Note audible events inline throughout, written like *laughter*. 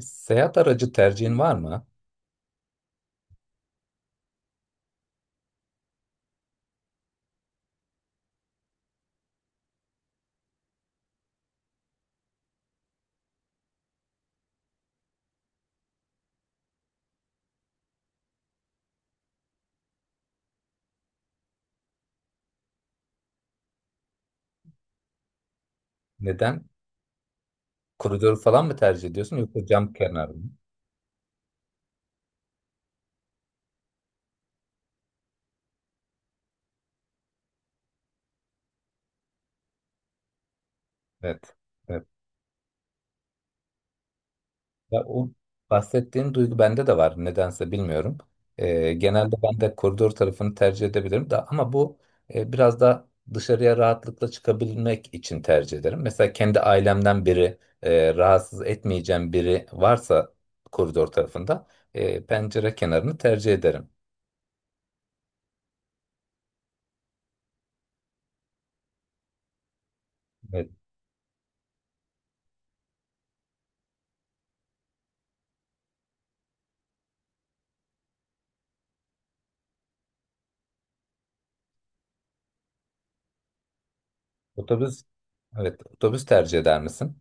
Seyahat aracı tercihin var mı? Neden? Koridor falan mı tercih ediyorsun yoksa cam kenarı mı? Evet. Evet. Ya o bahsettiğin duygu bende de var. Nedense bilmiyorum. Genelde ben de koridor tarafını tercih edebilirim de ama bu biraz da dışarıya rahatlıkla çıkabilmek için tercih ederim. Mesela kendi ailemden biri rahatsız etmeyeceğim biri varsa koridor tarafında pencere kenarını tercih ederim. Evet. Otobüs. Evet, otobüs tercih eder misin?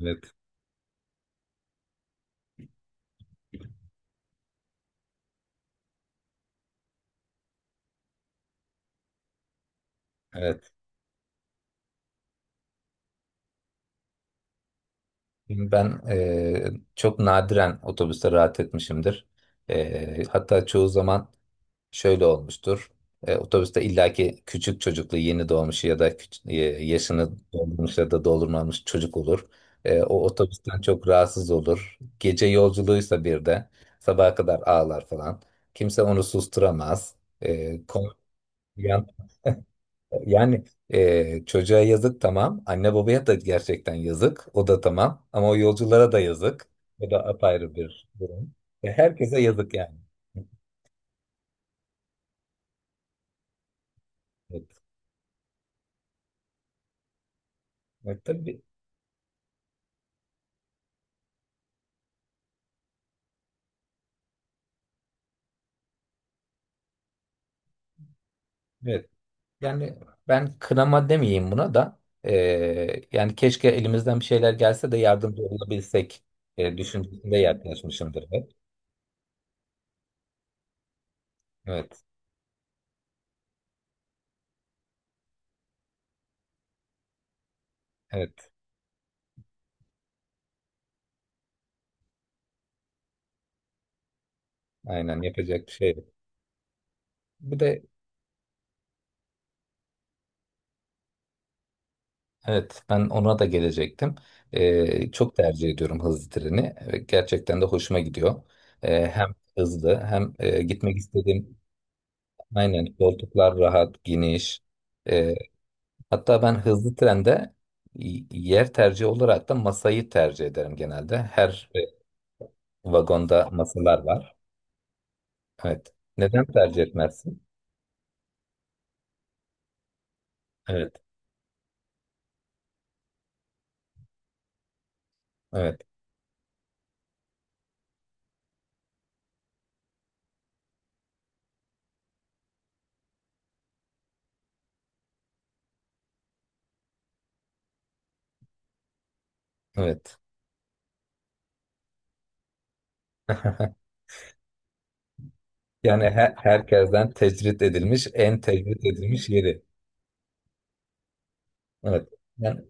Evet. Evet. Şimdi ben çok nadiren otobüste rahat etmişimdir. Hatta çoğu zaman şöyle olmuştur. Otobüste illaki küçük çocuklu yeni doğmuş ya da yaşını doldurmuş ya da doldurmamış çocuk olur. O otobüsten çok rahatsız olur. Gece yolculuğuysa bir de sabaha kadar ağlar falan. Kimse onu susturamaz. Eee konu- Yani çocuğa yazık tamam. Anne babaya da gerçekten yazık. O da tamam. Ama o yolculara da yazık. O da apayrı bir durum. E, herkese yazık yani. Evet. Evet, tabii, evet. Yani ben kınama demeyeyim buna da yani keşke elimizden bir şeyler gelse de yardımcı olabilsek düşüncesinde yaklaşmışımdır hep. Evet. Evet. Aynen, yapacak bir şey yok. Bir de evet, ben ona da gelecektim. Çok tercih ediyorum hızlı treni ve gerçekten de hoşuma gidiyor. Hem hızlı hem gitmek istediğim, aynen, koltuklar rahat, geniş. Ee, Hatta ben hızlı trende yer tercihi olarak da masayı tercih ederim genelde. Her vagonda masalar var. Evet. Neden tercih etmezsin? Evet, evet, evet. *laughs* Yani herkesten tecrit edilmiş, en tecrit edilmiş yeri. Evet. Yani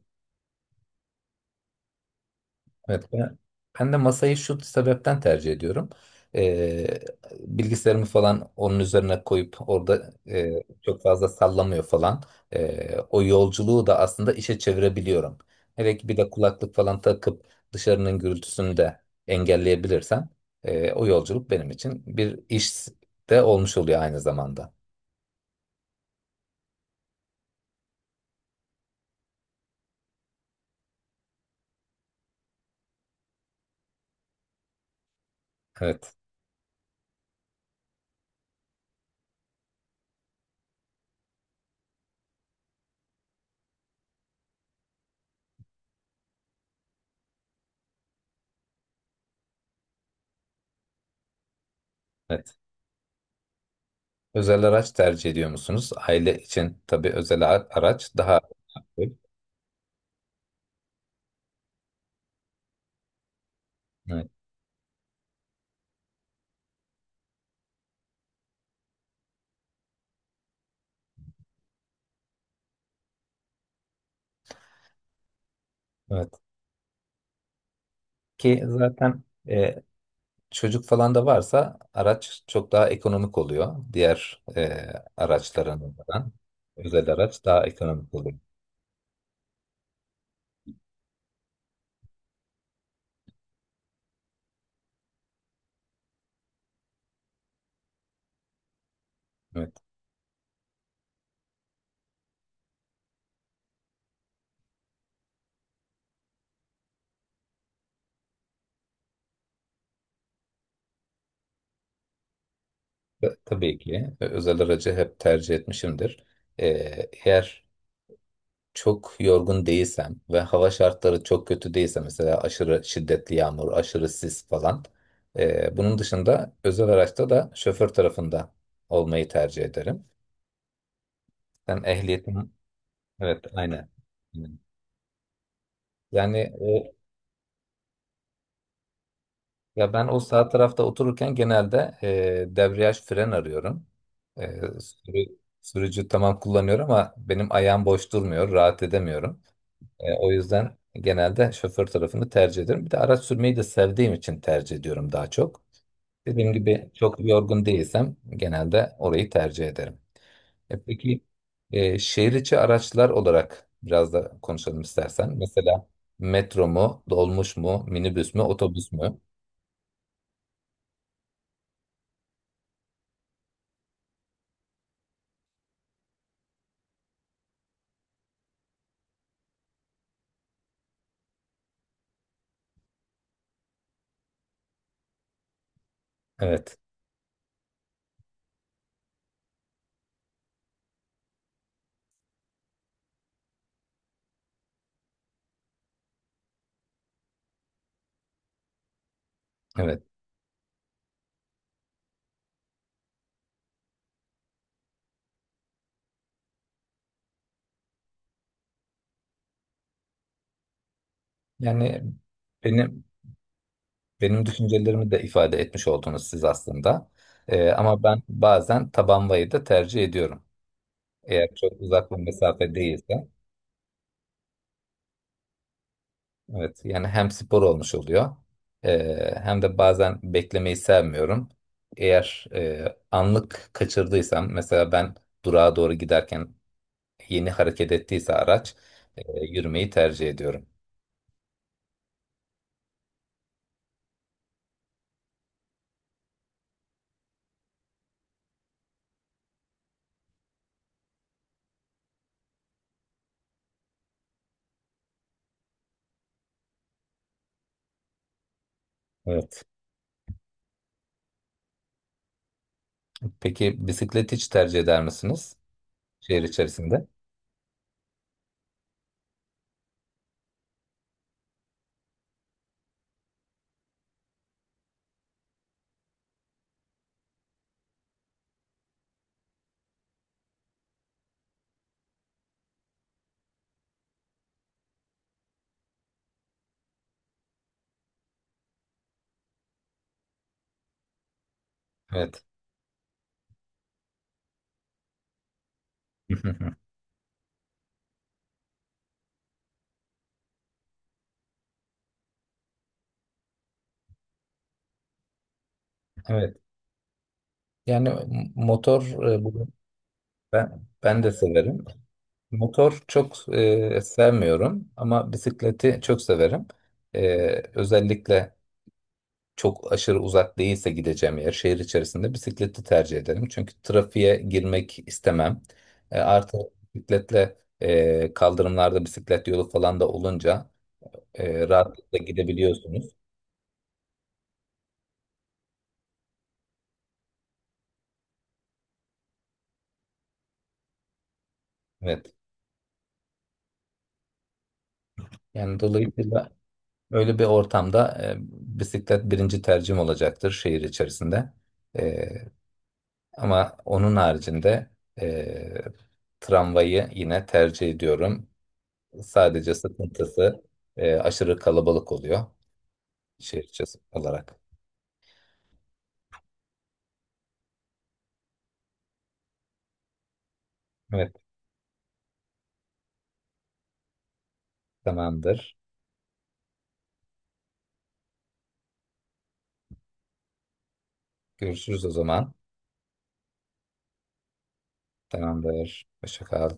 evet, ben de masayı şu sebepten tercih ediyorum. Ee, Bilgisayarımı falan onun üzerine koyup orada çok fazla sallamıyor falan. O yolculuğu da aslında işe çevirebiliyorum. Hele ki bir de kulaklık falan takıp dışarının gürültüsünü de engelleyebilirsem o yolculuk benim için bir iş de olmuş oluyor aynı zamanda. Evet, evet. Özel araç tercih ediyor musunuz? Aile için tabii araç daha... Evet. Evet. Ki zaten e, çocuk falan da varsa araç çok daha ekonomik oluyor. Diğer araçlarından özel araç daha ekonomik oluyor. Evet, tabii ki özel aracı hep tercih etmişimdir. E, Eğer çok yorgun değilsem ve hava şartları çok kötü değilse mesela aşırı şiddetli yağmur, aşırı sis falan. E, bunun dışında özel araçta da şoför tarafında olmayı tercih ederim. Ben ehliyetim, evet, aynen. Yani ya ben o sağ tarafta otururken genelde debriyaj fren arıyorum. E, Sürücü tamam kullanıyor ama benim ayağım boş durmuyor, rahat edemiyorum. O yüzden genelde şoför tarafını tercih ediyorum. Bir de araç sürmeyi de sevdiğim için tercih ediyorum daha çok. Dediğim gibi çok yorgun değilsem genelde orayı tercih ederim. Peki şehir içi araçlar olarak biraz da konuşalım istersen. Mesela metro mu, dolmuş mu, minibüs mü, otobüs mü? Evet, evet. Yani benim benim düşüncelerimi de ifade etmiş oldunuz siz aslında. Ama ben bazen taban vayı da tercih ediyorum. Eğer çok uzak bir mesafe değilse. Evet, yani hem spor olmuş oluyor, hem de bazen beklemeyi sevmiyorum. Eğer anlık kaçırdıysam, mesela ben durağa doğru giderken yeni hareket ettiyse araç, yürümeyi tercih ediyorum. Evet. Peki bisiklet hiç tercih eder misiniz şehir içerisinde? Evet. *laughs* Evet. Yani motor, e, bu- ben de severim. Motor çok sevmiyorum ama bisikleti çok severim. Özellikle çok aşırı uzak değilse gideceğim yer şehir içerisinde bisikleti tercih ederim. Çünkü trafiğe girmek istemem. Artı bisikletle kaldırımlarda bisiklet yolu falan da olunca rahatlıkla gidebiliyorsunuz. Evet. Yani dolayısıyla öyle bir ortamda bisiklet birinci tercihim olacaktır şehir içerisinde. E, Ama onun haricinde e, tramvayı yine tercih ediyorum. Sadece sıkıntısı aşırı kalabalık oluyor şehir içi olarak. Evet, tamamdır. Görüşürüz o zaman. Tamamdır. Hoşça kal.